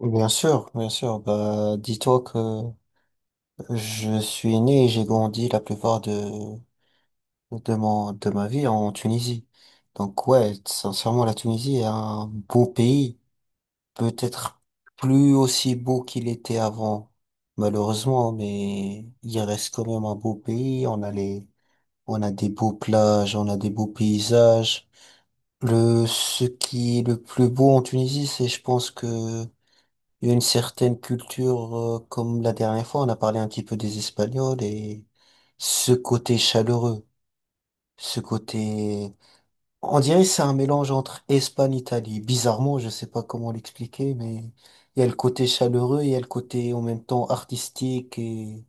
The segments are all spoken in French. Oui, bien sûr, bien sûr. Bah, dis-toi que je suis né et j'ai grandi la plupart de ma vie en Tunisie. Donc ouais, sincèrement, la Tunisie est un beau pays. Peut-être plus aussi beau qu'il était avant, malheureusement, mais il reste quand même un beau pays. On a des beaux plages, on a des beaux paysages. Ce qui est le plus beau en Tunisie, je pense que Il y a une certaine culture, comme la dernière fois, on a parlé un petit peu des Espagnols et ce côté chaleureux, ce côté, on dirait que c'est un mélange entre Espagne, Italie. Bizarrement, je sais pas comment l'expliquer, mais il y a le côté chaleureux, il y a le côté en même temps artistique et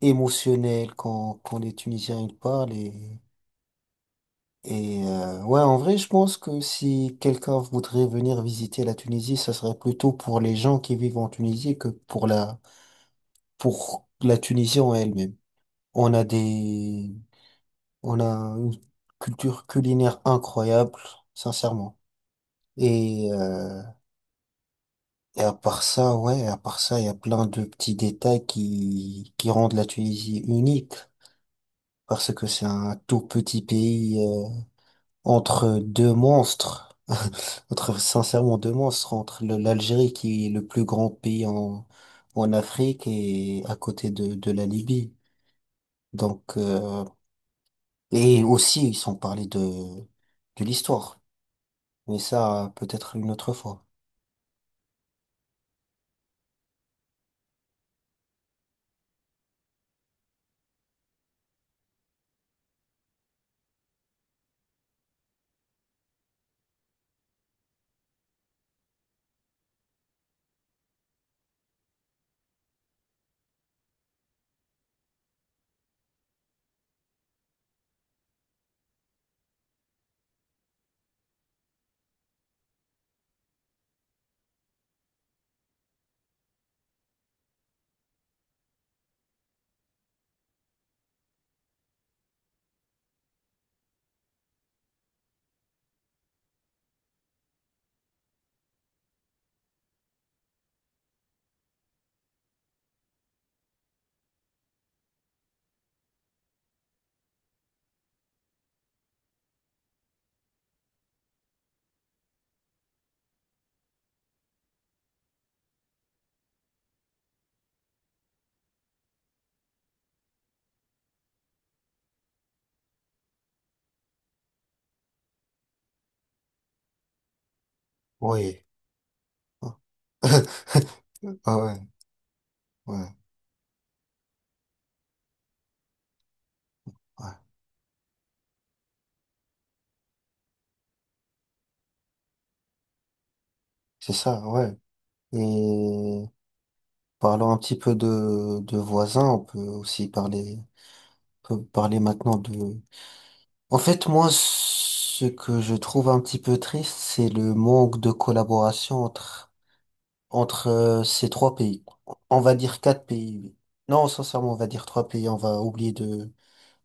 émotionnel quand les Tunisiens ils parlent et ouais, en vrai, je pense que si quelqu'un voudrait venir visiter la Tunisie, ça serait plutôt pour les gens qui vivent en Tunisie que pour la Tunisie en elle-même. On a des, on a une culture culinaire incroyable, sincèrement. Et, euh, et à part ça, ouais, à part ça, il y a plein de petits détails qui rendent la Tunisie unique, parce que c'est un tout petit pays, entre deux monstres, entre, sincèrement, deux monstres, entre l'Algérie qui est le plus grand pays en Afrique et à côté de la Libye. Donc, euh, Et aussi, ils sont parlé de l'histoire. Mais ça, peut-être une autre fois. Oui. Ah ouais, ouais, ouais. C'est ça, ouais. Et parlons un petit peu de voisins. On peut aussi parler, on peut parler maintenant de... En fait, moi, ce que je trouve un petit peu triste, c'est le manque de collaboration entre ces trois pays. On va dire quatre pays. Oui. Non, sincèrement, on va dire trois pays.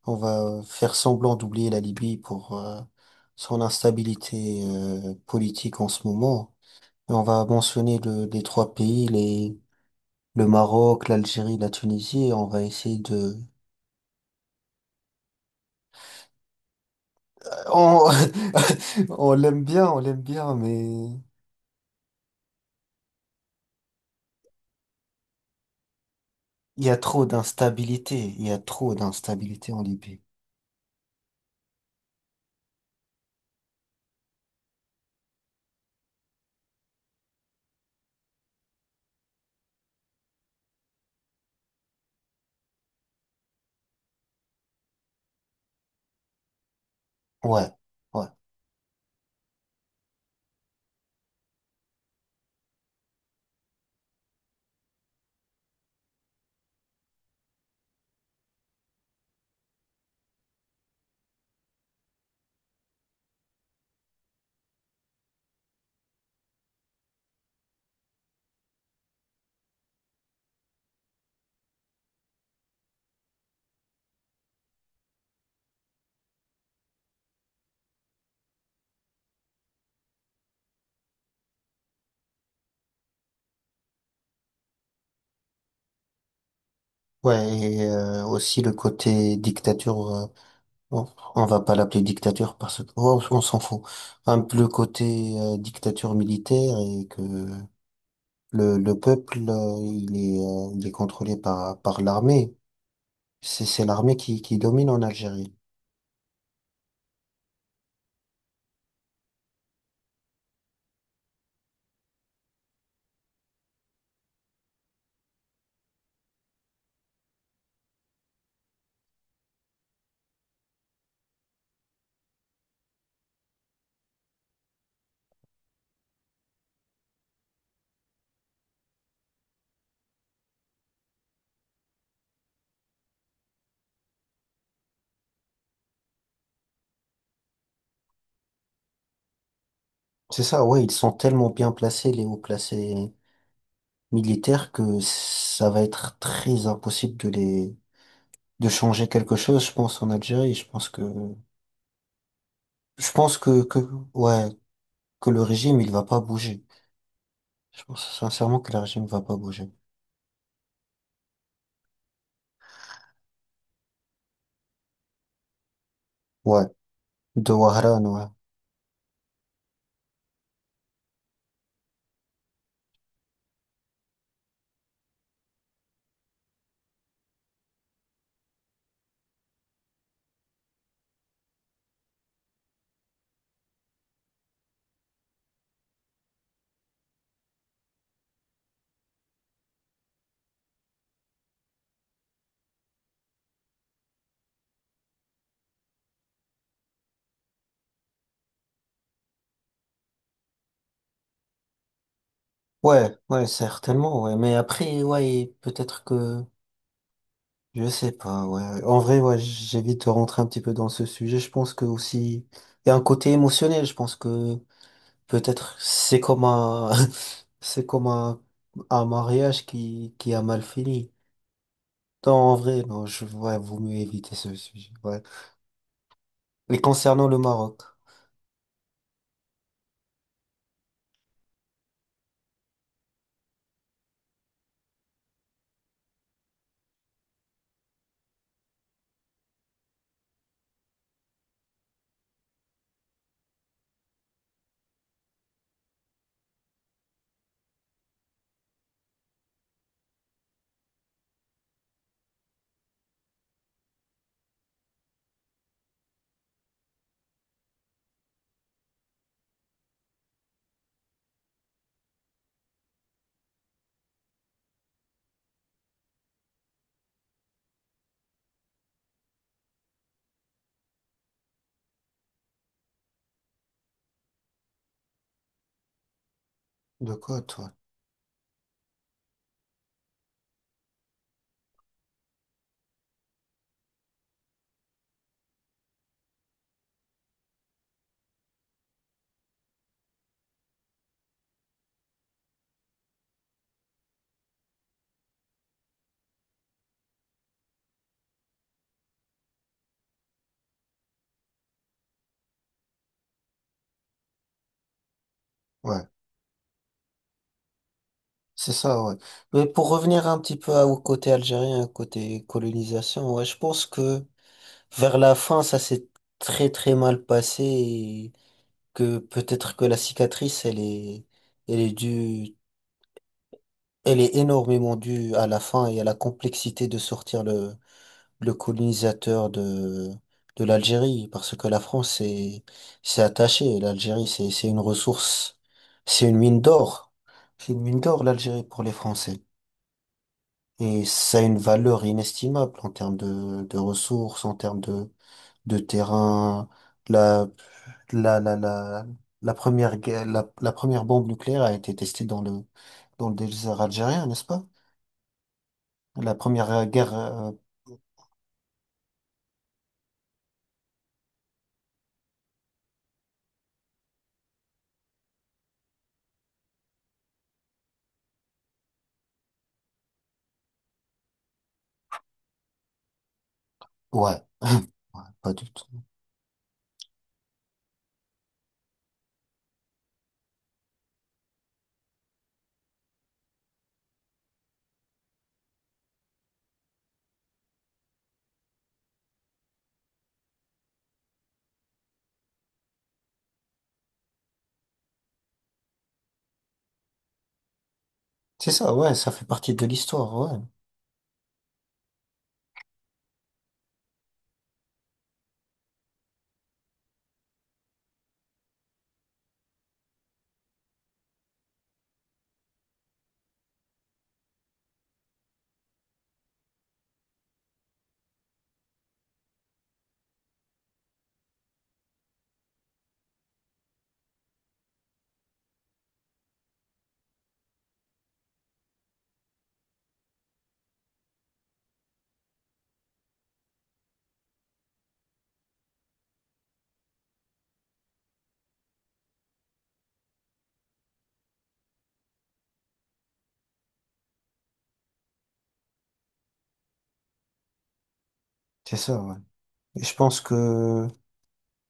On va faire semblant d'oublier la Libye pour son instabilité politique en ce moment. Et on va mentionner les trois pays, les, le Maroc, l'Algérie, la Tunisie, et on va essayer de... euh, On, on l'aime bien, mais il y a trop d'instabilité, il y a trop d'instabilité en Libye. Ouais, ouais. Ouais, et aussi le côté dictature. Bon, on va pas l'appeler dictateur parce que oh, on s'en fout. Un peu le côté dictature militaire et que le peuple il est contrôlé par l'armée. C'est l'armée qui domine en Algérie. C'est ça, ouais, ils sont tellement bien placés les hauts placés militaires que ça va être très impossible de les de changer quelque chose, je pense en Algérie. Je pense que ouais que le régime il va pas bouger. Je pense sincèrement que le régime va pas bouger. Ouais. De Warren, ouais. Ouais, ouais, certainement, ouais. Mais après, ouais, peut-être que, je sais pas, ouais. En vrai, ouais, j'évite de rentrer un petit peu dans ce sujet. Je pense que aussi, il y a un côté émotionnel. Je pense que peut-être c'est comme un mariage qui a mal fini. Non, en vrai, non, je, ouais, vaut mieux éviter ce sujet, ouais. Et concernant le Maroc, de quoi, toi? Ouais. C'est ça, ouais. Mais pour revenir un petit peu au côté algérien, côté colonisation, ouais, je pense que vers la fin, ça s'est très très mal passé et que peut-être que la cicatrice, elle est due, elle est énormément due à la fin et à la complexité de sortir le colonisateur de l'Algérie, parce que s'est attachée. L'Algérie, c'est une ressource, c'est une mine d'or. C'est une mine d'or, l'Algérie, pour les Français. Et ça a une valeur inestimable en termes de ressources, en termes de terrain. La, la, la, la, la la première bombe nucléaire a été testée dans le désert algérien, n'est-ce pas? La première euh, guerre, euh, ouais, ouais, pas du tout. C'est ça, ouais, ça fait partie de l'histoire, ouais. C'est ça, ouais. Et je pense que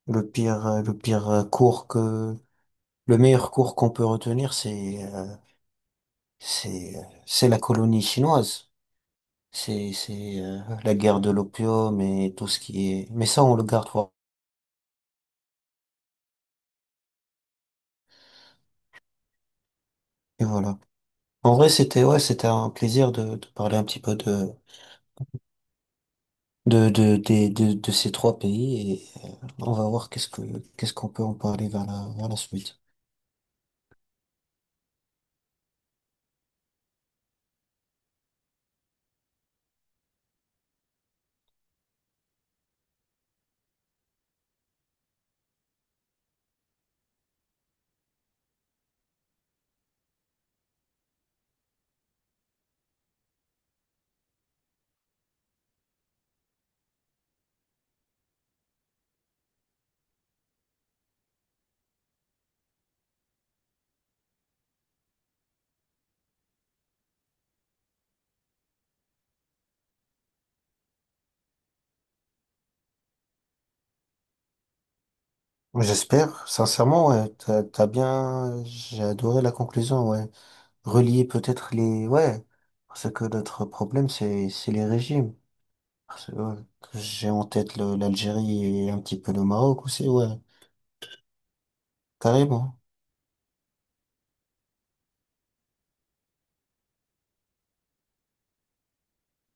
le pire, euh, le pire euh, cours que, le meilleur cours qu'on peut retenir, c'est la colonie chinoise. C'est la guerre de l'opium et tout ce qui est... Mais ça, on le garde pour... Et voilà. En vrai, c'était ouais, c'était un plaisir de parler un petit peu de ces trois pays et on va voir qu'est-ce qu'on peut en parler vers vers la suite. J'espère, sincèrement, ouais, t'as bien, j'ai adoré la conclusion, ouais. Relier peut-être les, ouais, parce que notre problème, c'est les régimes. Parce que, ouais, que j'ai en tête l'Algérie et un petit peu le Maroc aussi, ouais, carrément,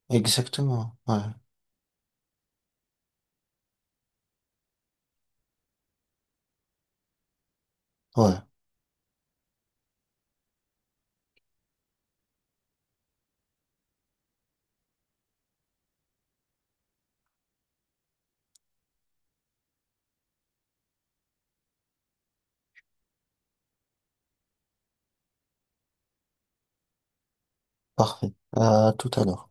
exactement, ouais, ouais, parfait. À tout à l'heure.